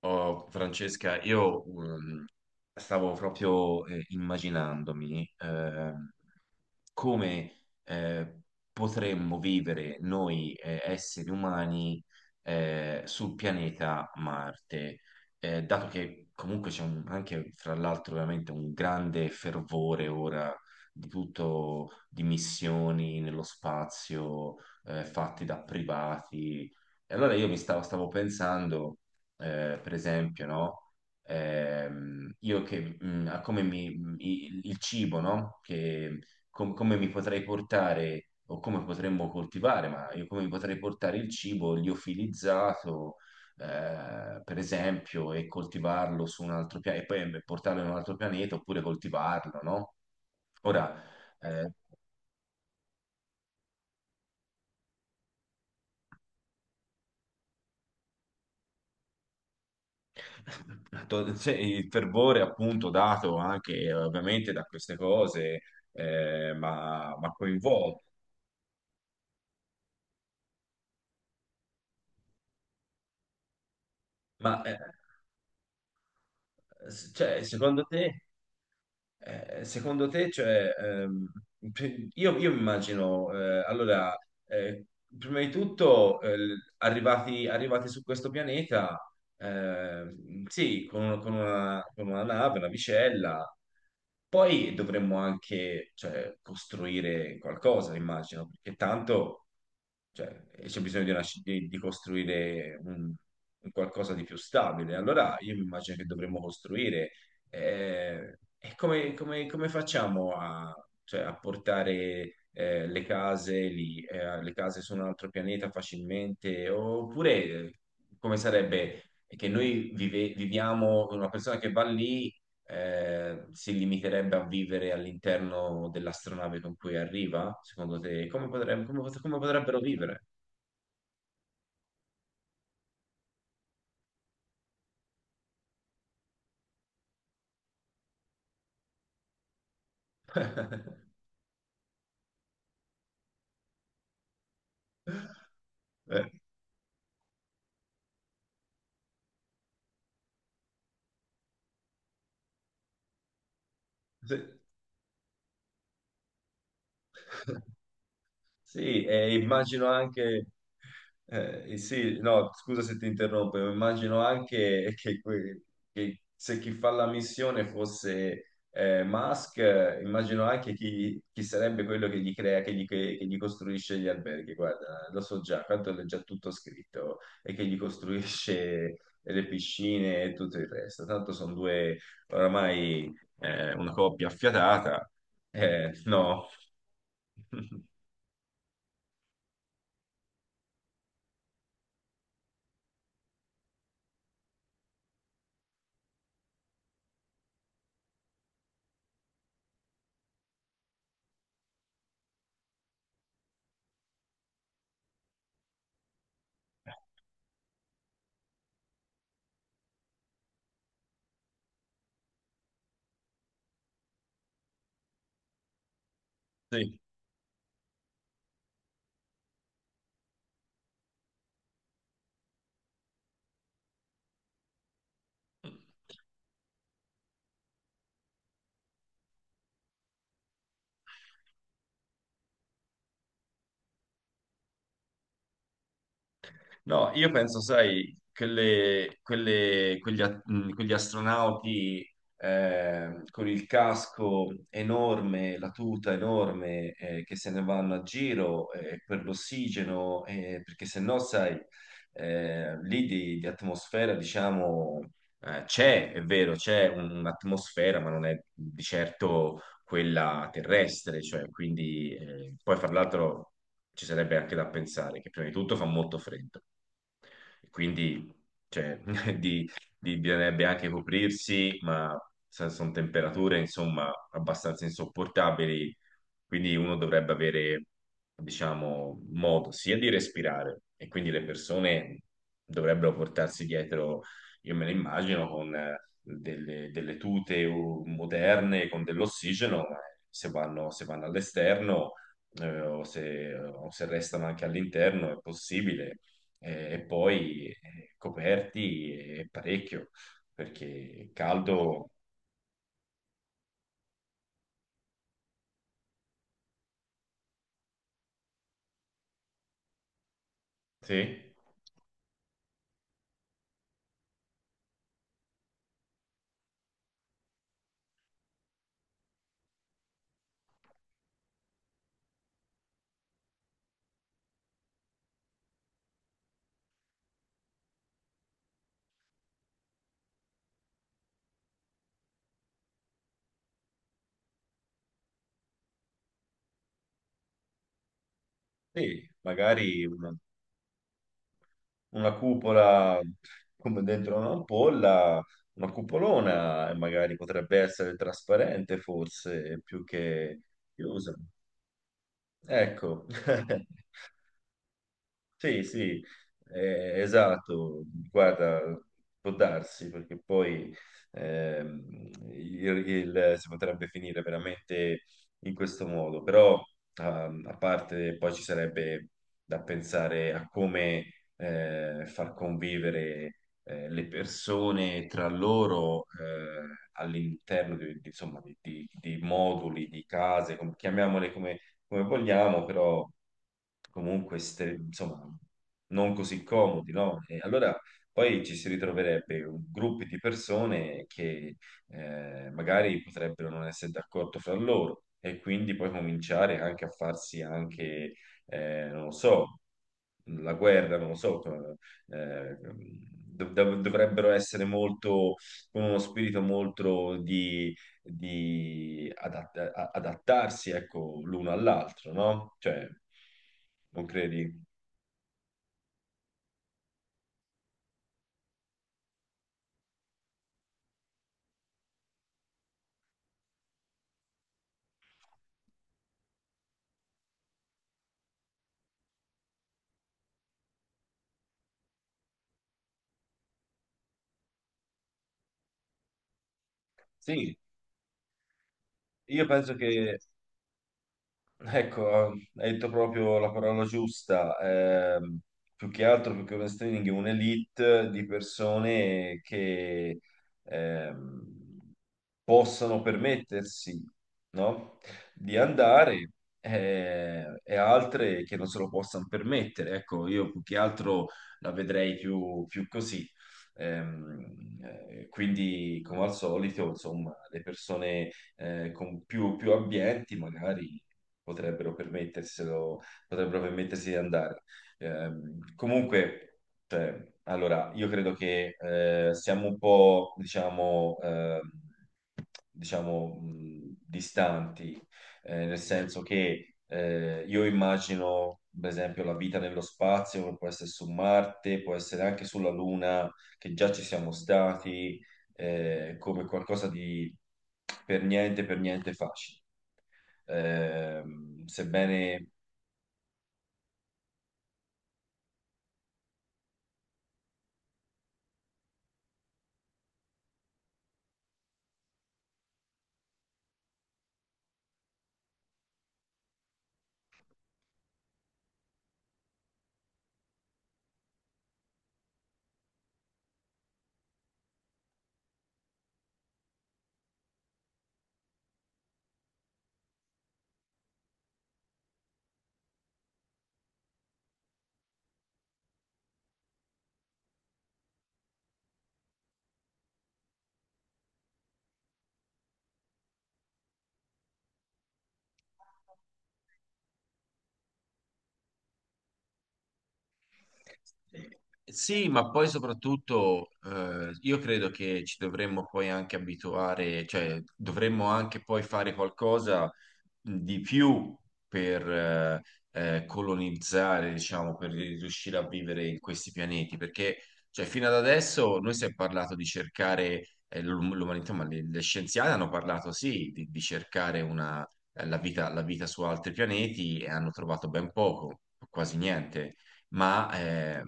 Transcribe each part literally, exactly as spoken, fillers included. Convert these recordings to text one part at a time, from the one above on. Oh, Francesca, io um, stavo proprio eh, immaginandomi, ehm, come eh, potremmo vivere noi eh, esseri umani eh, sul pianeta Marte. Eh, dato che comunque c'è un- anche, fra l'altro, veramente un grande fervore ora di tutto, di missioni nello spazio eh, fatte da privati. E allora io mi stavo, stavo pensando, eh, per esempio, no? Ehm, io che, mh, a come mi, mh, il il cibo, no? Che com- come mi potrei portare o come potremmo coltivare, ma io come mi potrei portare il cibo liofilizzato, eh, per esempio, e coltivarlo su un altro pianeta, e poi portarlo in un altro pianeta oppure coltivarlo, no? Ora, eh, to- se il fervore appunto dato anche eh, ovviamente da queste cose, eh, ma, ma coinvolto. Ma eh, s- cioè, secondo te? Eh, secondo te, cioè, ehm, pri- io, io mi immagino, eh, allora, eh, prima di tutto, eh, l- arrivati, arrivati su questo pianeta, ehm, sì, con, un- con una, con una nave, una vicella, poi dovremmo anche, cioè, costruire qualcosa, immagino, perché tanto cioè, e c'è bisogno di, una sci- di- di costruire un, un qualcosa di più stabile. Allora io mi immagino che dovremmo costruire. Eh, e come, come- come facciamo a, cioè, a portare eh, le case lì, eh, le case su un altro pianeta facilmente? Oppure eh, come sarebbe che noi vive- viviamo, una persona che va lì eh, si limiterebbe a vivere all'interno dell'astronave con cui arriva? Secondo te, come potrebbe- come pot- come potrebbero vivere? Eh, sì. Sì, e immagino anche, eh, sì, no, scusa se ti interrompo, ma immagino anche che, que- che se chi fa la missione fosse eh, Musk, eh, immagino anche chi, chi sarebbe quello che gli crea, che gli, che- che gli costruisce gli alberghi, guarda, lo so già, tanto è già tutto scritto, e che gli costruisce le piscine e tutto il resto, tanto sono due oramai eh, una coppia affiatata, eh, no. Sì. No, io penso, sai, quelle- quelle- quegli, a- mh, quegli astronauti eh, con il casco enorme, la tuta enorme, eh, che se ne vanno a giro eh, per l'ossigeno, eh, perché se no, sai, eh, lì di, di atmosfera, diciamo, eh, c'è, è vero, c'è un'atmosfera, ma non è di certo quella terrestre, cioè, quindi, eh, poi fra l'altro ci sarebbe anche da pensare che prima di tutto fa molto freddo. E Quindi cioè, di, di- bisognerebbe anche coprirsi, ma sa- sono temperature insomma abbastanza insopportabili, quindi uno dovrebbe avere, diciamo, modo sia di respirare e quindi le persone dovrebbero portarsi dietro, io me lo immagino, con eh, delle, delle tute uh, moderne, con dell'ossigeno, ma se vanno, se vanno all'esterno eh, o se, o se restano anche all'interno è possibile, eh, e poi eh, coperti eh, parecchio, perché caldo, sì, sì, magari una, una cupola come dentro un'ampolla, una cupolona, e magari potrebbe essere trasparente forse, più che chiusa. Ecco. Sì, sì, eh, esatto, guarda, può darsi, perché poi ehm, il- il- si potrebbe finire veramente in questo modo, però ehm, a parte, poi ci sarebbe da pensare a come eh, far convivere eh, le persone tra loro eh, all'interno di, di- insomma, di, di- di moduli, di case, com- chiamiamole come vogliamo, però comunque ste- insomma, non così comodi, no? E allora poi ci si ritroverebbe un- gruppi di persone che eh, magari potrebbero non essere d'accordo fra loro e quindi poi cominciare anche a farsi anche, eh, non lo so, la guerra, non lo so, eh, dov- dov- dovrebbero essere molto, con uno spirito molto di di adat- a- adattarsi, ecco, l'uno all'altro, no? Cioè, non credi? Sì, io penso che. Ecco, hai detto proprio la parola giusta. Ehm, più che altro, più che un streaming, è un'elite di persone che ehm, possano permettersi, no? Di andare eh, e altre che non se lo possano permettere. Ecco, io più che altro la vedrei più, più così. Ehm, eh, quindi, come al solito, insomma, le persone eh, con più, più ambienti magari potrebbero permetterselo, potrebbero permettersi di andare. Ehm, comunque, cioè, allora, io credo che eh, siamo un po', diciamo, ehm, diciamo, mh, distanti, eh, nel senso che eh, io immagino, per esempio, la vita nello spazio, che può essere su Marte, può essere anche sulla Luna, che già ci siamo stati eh, come qualcosa di per niente, per niente facile. Ehm, sebbene. Sì, ma poi soprattutto eh, io credo che ci dovremmo poi anche abituare, cioè dovremmo anche poi fare qualcosa di più per eh, eh, colonizzare, diciamo, per riuscire a vivere in questi pianeti, perché cioè, fino ad adesso noi si è parlato di cercare eh, l'um- l'umanità, ma le, le scienziate hanno parlato sì di, di cercare una, eh, la vita, la vita su altri pianeti e hanno trovato ben poco, quasi niente, ma eh,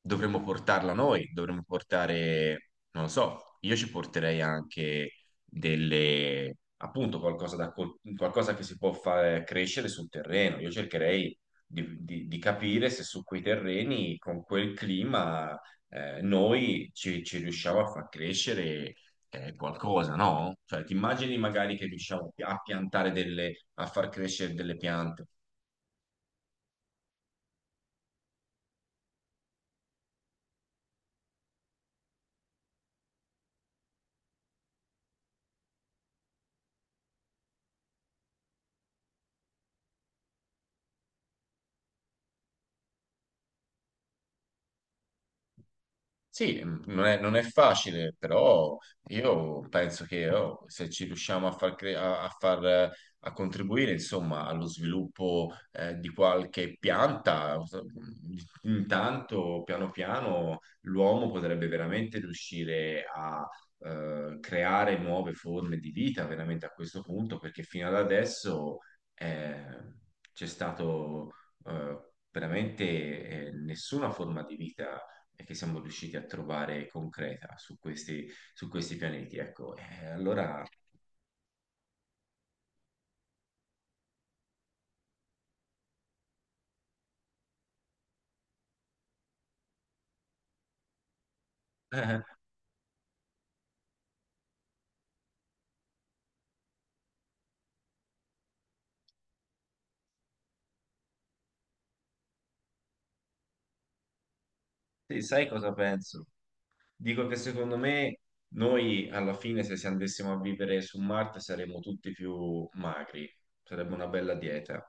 dovremmo portarla noi, dovremmo portare, non lo so, io ci porterei anche delle, appunto, qualcosa, da, col- qualcosa che si può far crescere sul terreno. Io cercherei di, di- di capire se su quei terreni, con quel clima, eh, noi ci, ci riusciamo a far crescere eh, qualcosa, no? Cioè, ti immagini magari che riusciamo a piantare delle, a far crescere delle piante. Sì, mh, non è, non è facile, però io penso che oh, se ci riusciamo a far, cre- a, a far, eh, a contribuire, insomma, allo sviluppo eh, di qualche pianta, so- intanto, piano piano, l'uomo potrebbe veramente riuscire a eh, creare nuove forme di vita, veramente a questo punto, perché fino ad adesso eh, c'è stato eh, veramente eh, nessuna forma di vita e che siamo riusciti a trovare concreta su questi, su questi pianeti. Ecco, eh, allora, eh, sì, sai cosa penso? Dico che secondo me noi alla fine, se si andassimo a vivere su Marte, saremmo tutti più magri, sarebbe una bella dieta.